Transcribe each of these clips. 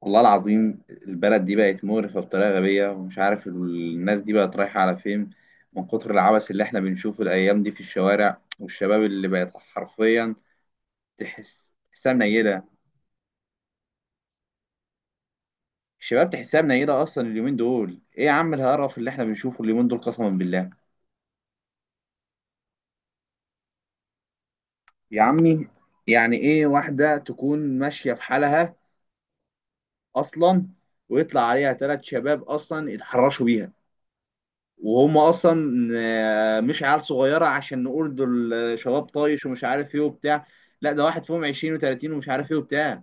والله العظيم البلد دي بقت مقرفة بطريقة غبية، ومش عارف الناس دي بقت رايحة على فين من كتر العبث اللي احنا بنشوفه الأيام دي في الشوارع، والشباب اللي بقت حرفيا تحسها منيلة. الشباب تحسها منيلة أصلا. اليومين دول إيه يا عم القرف اللي احنا بنشوفه اليومين دول؟ قسما بالله. يا عمي، يعني إيه واحدة تكون ماشية في حالها أصلا ويطلع عليها ثلاث شباب أصلا يتحرشوا بيها؟ وهم اصلا مش عيال صغيره عشان نقول دول شباب طايش ومش عارف ايه وبتاع. لا، ده واحد فيهم 20 و30، ومش عارف ايه وبتاع.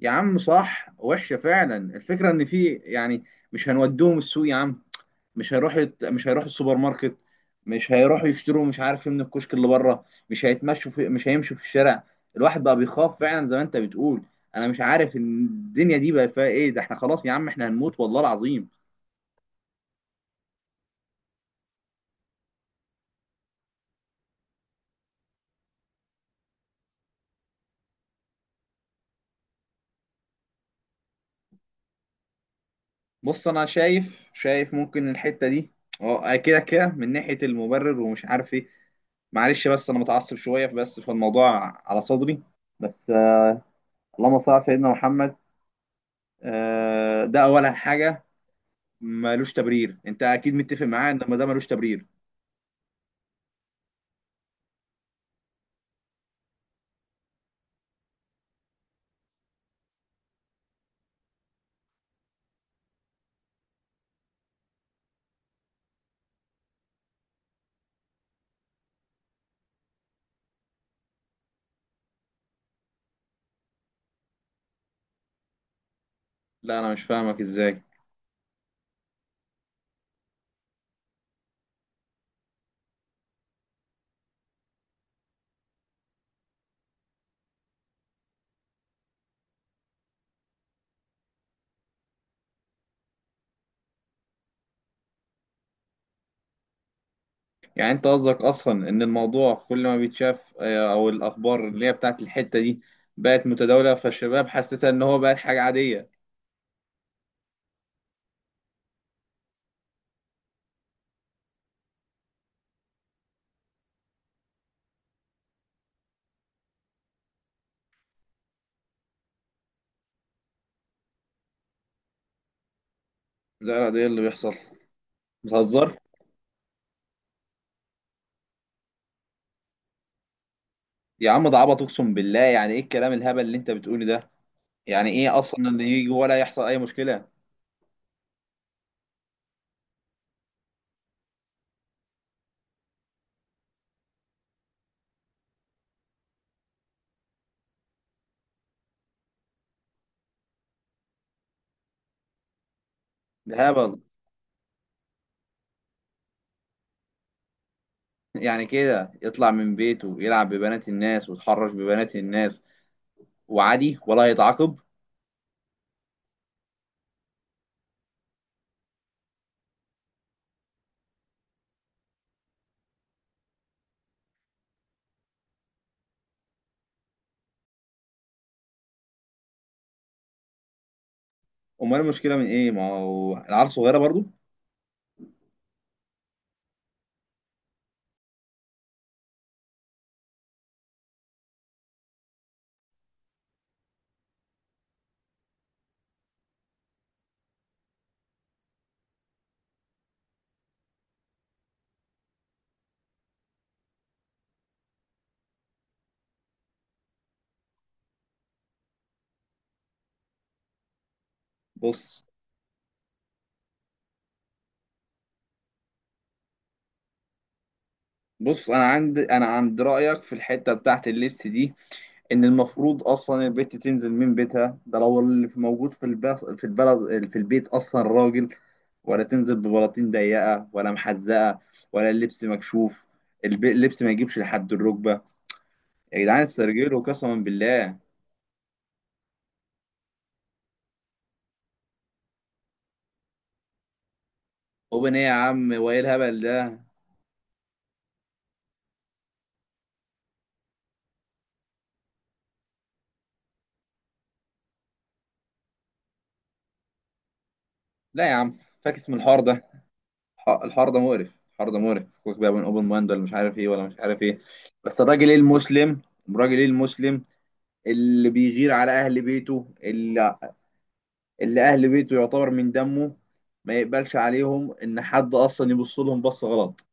يا عم صح، وحشه فعلا. الفكره ان في يعني، مش هنودوهم السوق يا عم. مش هيروحوا السوبر ماركت. مش هيروحوا يشتروا مش عارف ايه من الكشك اللي بره. مش هيمشوا في الشارع. الواحد بقى بيخاف فعلا زي ما انت بتقول. انا مش عارف إن الدنيا دي بقى فيها ايه. ده احنا خلاص يا عم، احنا هنموت والله العظيم. بص، انا شايف ممكن الحته دي، اه، كده كده من ناحيه المبرر ومش عارف ايه. معلش بس انا متعصب شويه بس، فالموضوع على صدري. بس، اللهم صل على سيدنا محمد. ده اولا حاجه، ملوش تبرير. انت اكيد متفق معايا ان ما ده ملوش تبرير. لا، انا مش فاهمك ازاي. يعني انت قصدك اصلا ان الموضوع كل ما بيتشاف او الاخبار اللي هي بتاعت الحته دي بقت متداوله فالشباب، حسيتها ان هو بقت حاجه عاديه؟ زي العاديه اللي بيحصل. بتهزر. يا عم ده عبط، اقسم بالله. يعني ايه الكلام الهبل اللي انت بتقوله ده؟ يعني ايه اصلا ان يجي ولا يحصل اي مشكله؟ ده هبل. يعني كده يطلع من بيته يلعب ببنات الناس ويتحرش ببنات الناس وعادي ولا هيتعاقب؟ امال المشكله من ايه؟ ما هو العيال صغيره برضو. بص بص، انا عند رايك في الحته بتاعت اللبس دي. ان المفروض اصلا البت تنزل من بيتها، ده لو اللي موجود في في البلد في البيت اصلا راجل. ولا تنزل ببلاطين ضيقه ولا محزقه. ولا اللبس مكشوف. اللبس ما يجيبش لحد الركبه. يا جدعان استرجلوا قسما بالله. اوبن ايه يا عم، وايه الهبل ده؟ لا يا عم، فاكس من الحوار ده. الحوار ده مقرف. الحوار ده مقرف. فكك بقى من اوبن مايند ولا مش عارف ايه ولا مش عارف ايه. بس الراجل ايه المسلم؟ الراجل ايه المسلم اللي بيغير على اهل بيته، اللي اهل بيته يعتبر من دمه؟ ما يقبلش عليهم ان حد اصلا يبص لهم بصه غلط.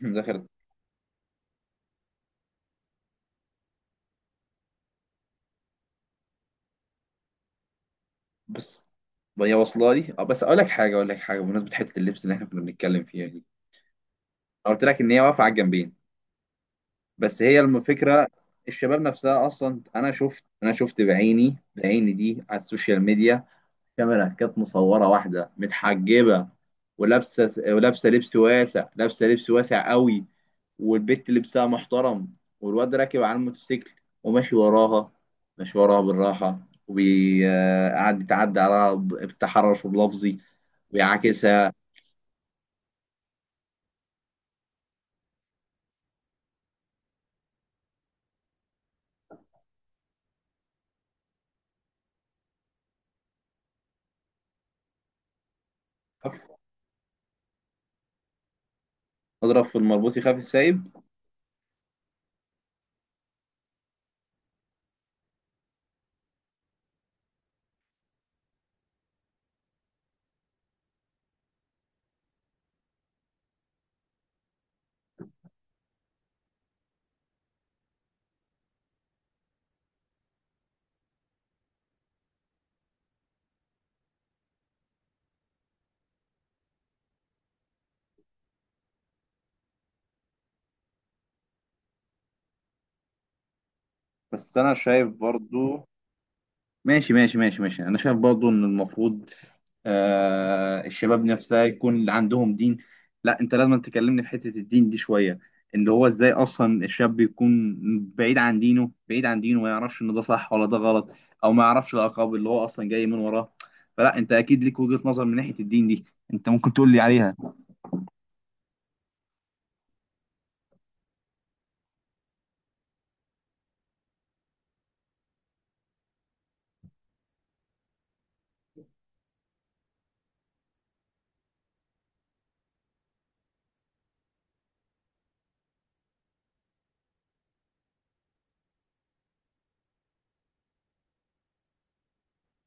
داخل. بس ما هي واصله لي. اه بس اقول لك حاجه بمناسبه حته اللبس اللي احنا كنا بنتكلم فيها دي. انا قلت لك ان هي واقفه على الجنبين. بس هي الفكره، الشباب نفسها اصلا. انا شفت بعيني دي على السوشيال ميديا. كاميرا كانت مصوره واحده متحجبه، ولابسه لبس واسع، لابسه لبس واسع قوي. والبت لبسها محترم. والواد راكب على الموتوسيكل وماشي وراها، ماشي وراها بالراحة. وقعد يتعدى عليها بتحرش لفظي ويعاكسها. اضرب في المربوط يخاف السايب. بس انا شايف برضو. ماشي ماشي ماشي ماشي. انا شايف برضو ان المفروض الشباب نفسها يكون عندهم دين. لا، انت لازم تكلمني في حتة الدين دي شوية. اللي هو ازاي اصلا الشاب يكون بعيد عن دينه، بعيد عن دينه ما يعرفش ان ده صح ولا ده غلط، او ما يعرفش العقاب اللي هو اصلا جاي من وراه. فلا، انت اكيد ليك وجهة نظر من ناحية الدين دي، انت ممكن تقول لي عليها.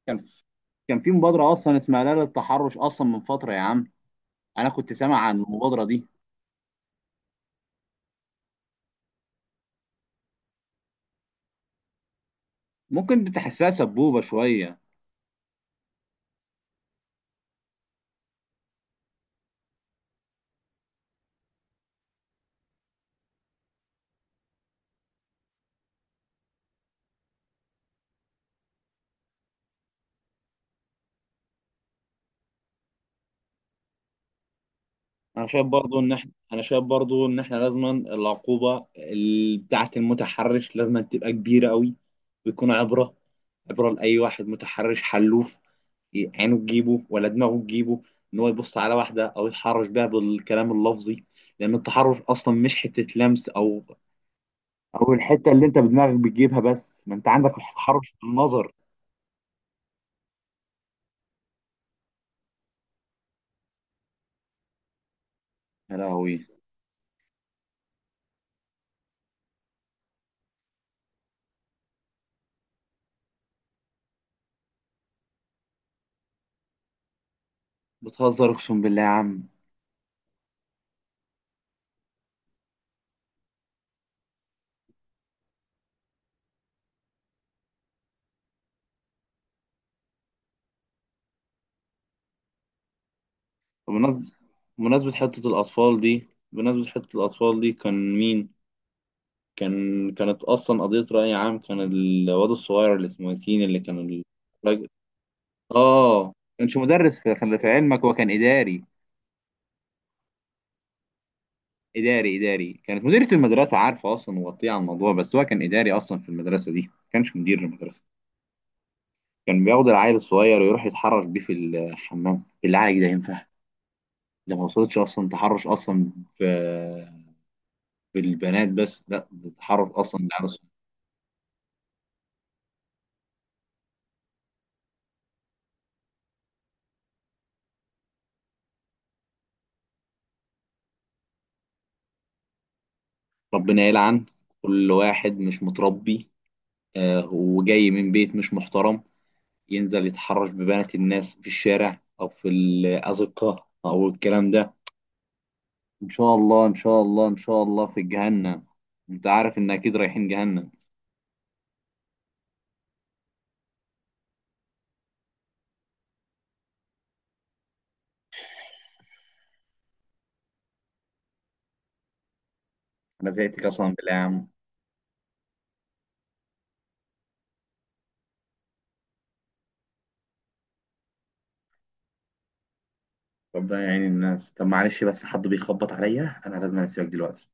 كان كان في مبادرة اصلا اسمها لا للتحرش اصلا من فترة يا عم. انا كنت سامع عن المبادرة دي. ممكن بتحسها سبوبة شوية. انا شايف برضو ان احنا انا شايف برضو ان احنا لازما العقوبه بتاعه المتحرش لازما تبقى كبيره قوي. ويكون عبره. عبره لاي واحد متحرش حلوف، عينه تجيبه ولا دماغه تجيبه، ان هو يبص على واحده او يتحرش بيها بالكلام اللفظي. لان التحرش اصلا مش حته لمس او الحته اللي انت بدماغك بتجيبها، بس ما انت عندك التحرش بالنظر. يا لهوي. بتهزر اقسم بالله يا عم. بمناسبه بمناسبه حته الاطفال دي بمناسبه حته الاطفال دي كان مين؟ كان كانت اصلا قضيه راي عام. كان الواد الصغير اللي اسمه ياسين اللي كان الراجل، اه، كانش مدرس، في خلي في علمك هو كان اداري. اداري اداري كانت مديرة المدرسة عارفة اصلا وغطية على الموضوع. بس هو كان اداري اصلا في المدرسة دي، ما كانش مدير المدرسة. كان بياخد العيل الصغير ويروح يتحرش بيه في الحمام. بالله عليك ده ينفع؟ ده ما وصلتش اصلا تحرش اصلا في في البنات. بس لا ده تحرش اصلا بالعيال الصغير. ربنا يلعن كل واحد مش متربي وجاي من بيت مش محترم ينزل يتحرش ببنات الناس في الشارع أو في الأزقة أو الكلام ده. إن شاء الله إن شاء الله إن شاء الله في جهنم. أنت عارف إن أكيد رايحين جهنم. أنا زهقت قسما بالله يا عم. ربنا يعين الناس. طب معلش بس حد بيخبط عليا، أنا لازم أسيبك دلوقتي.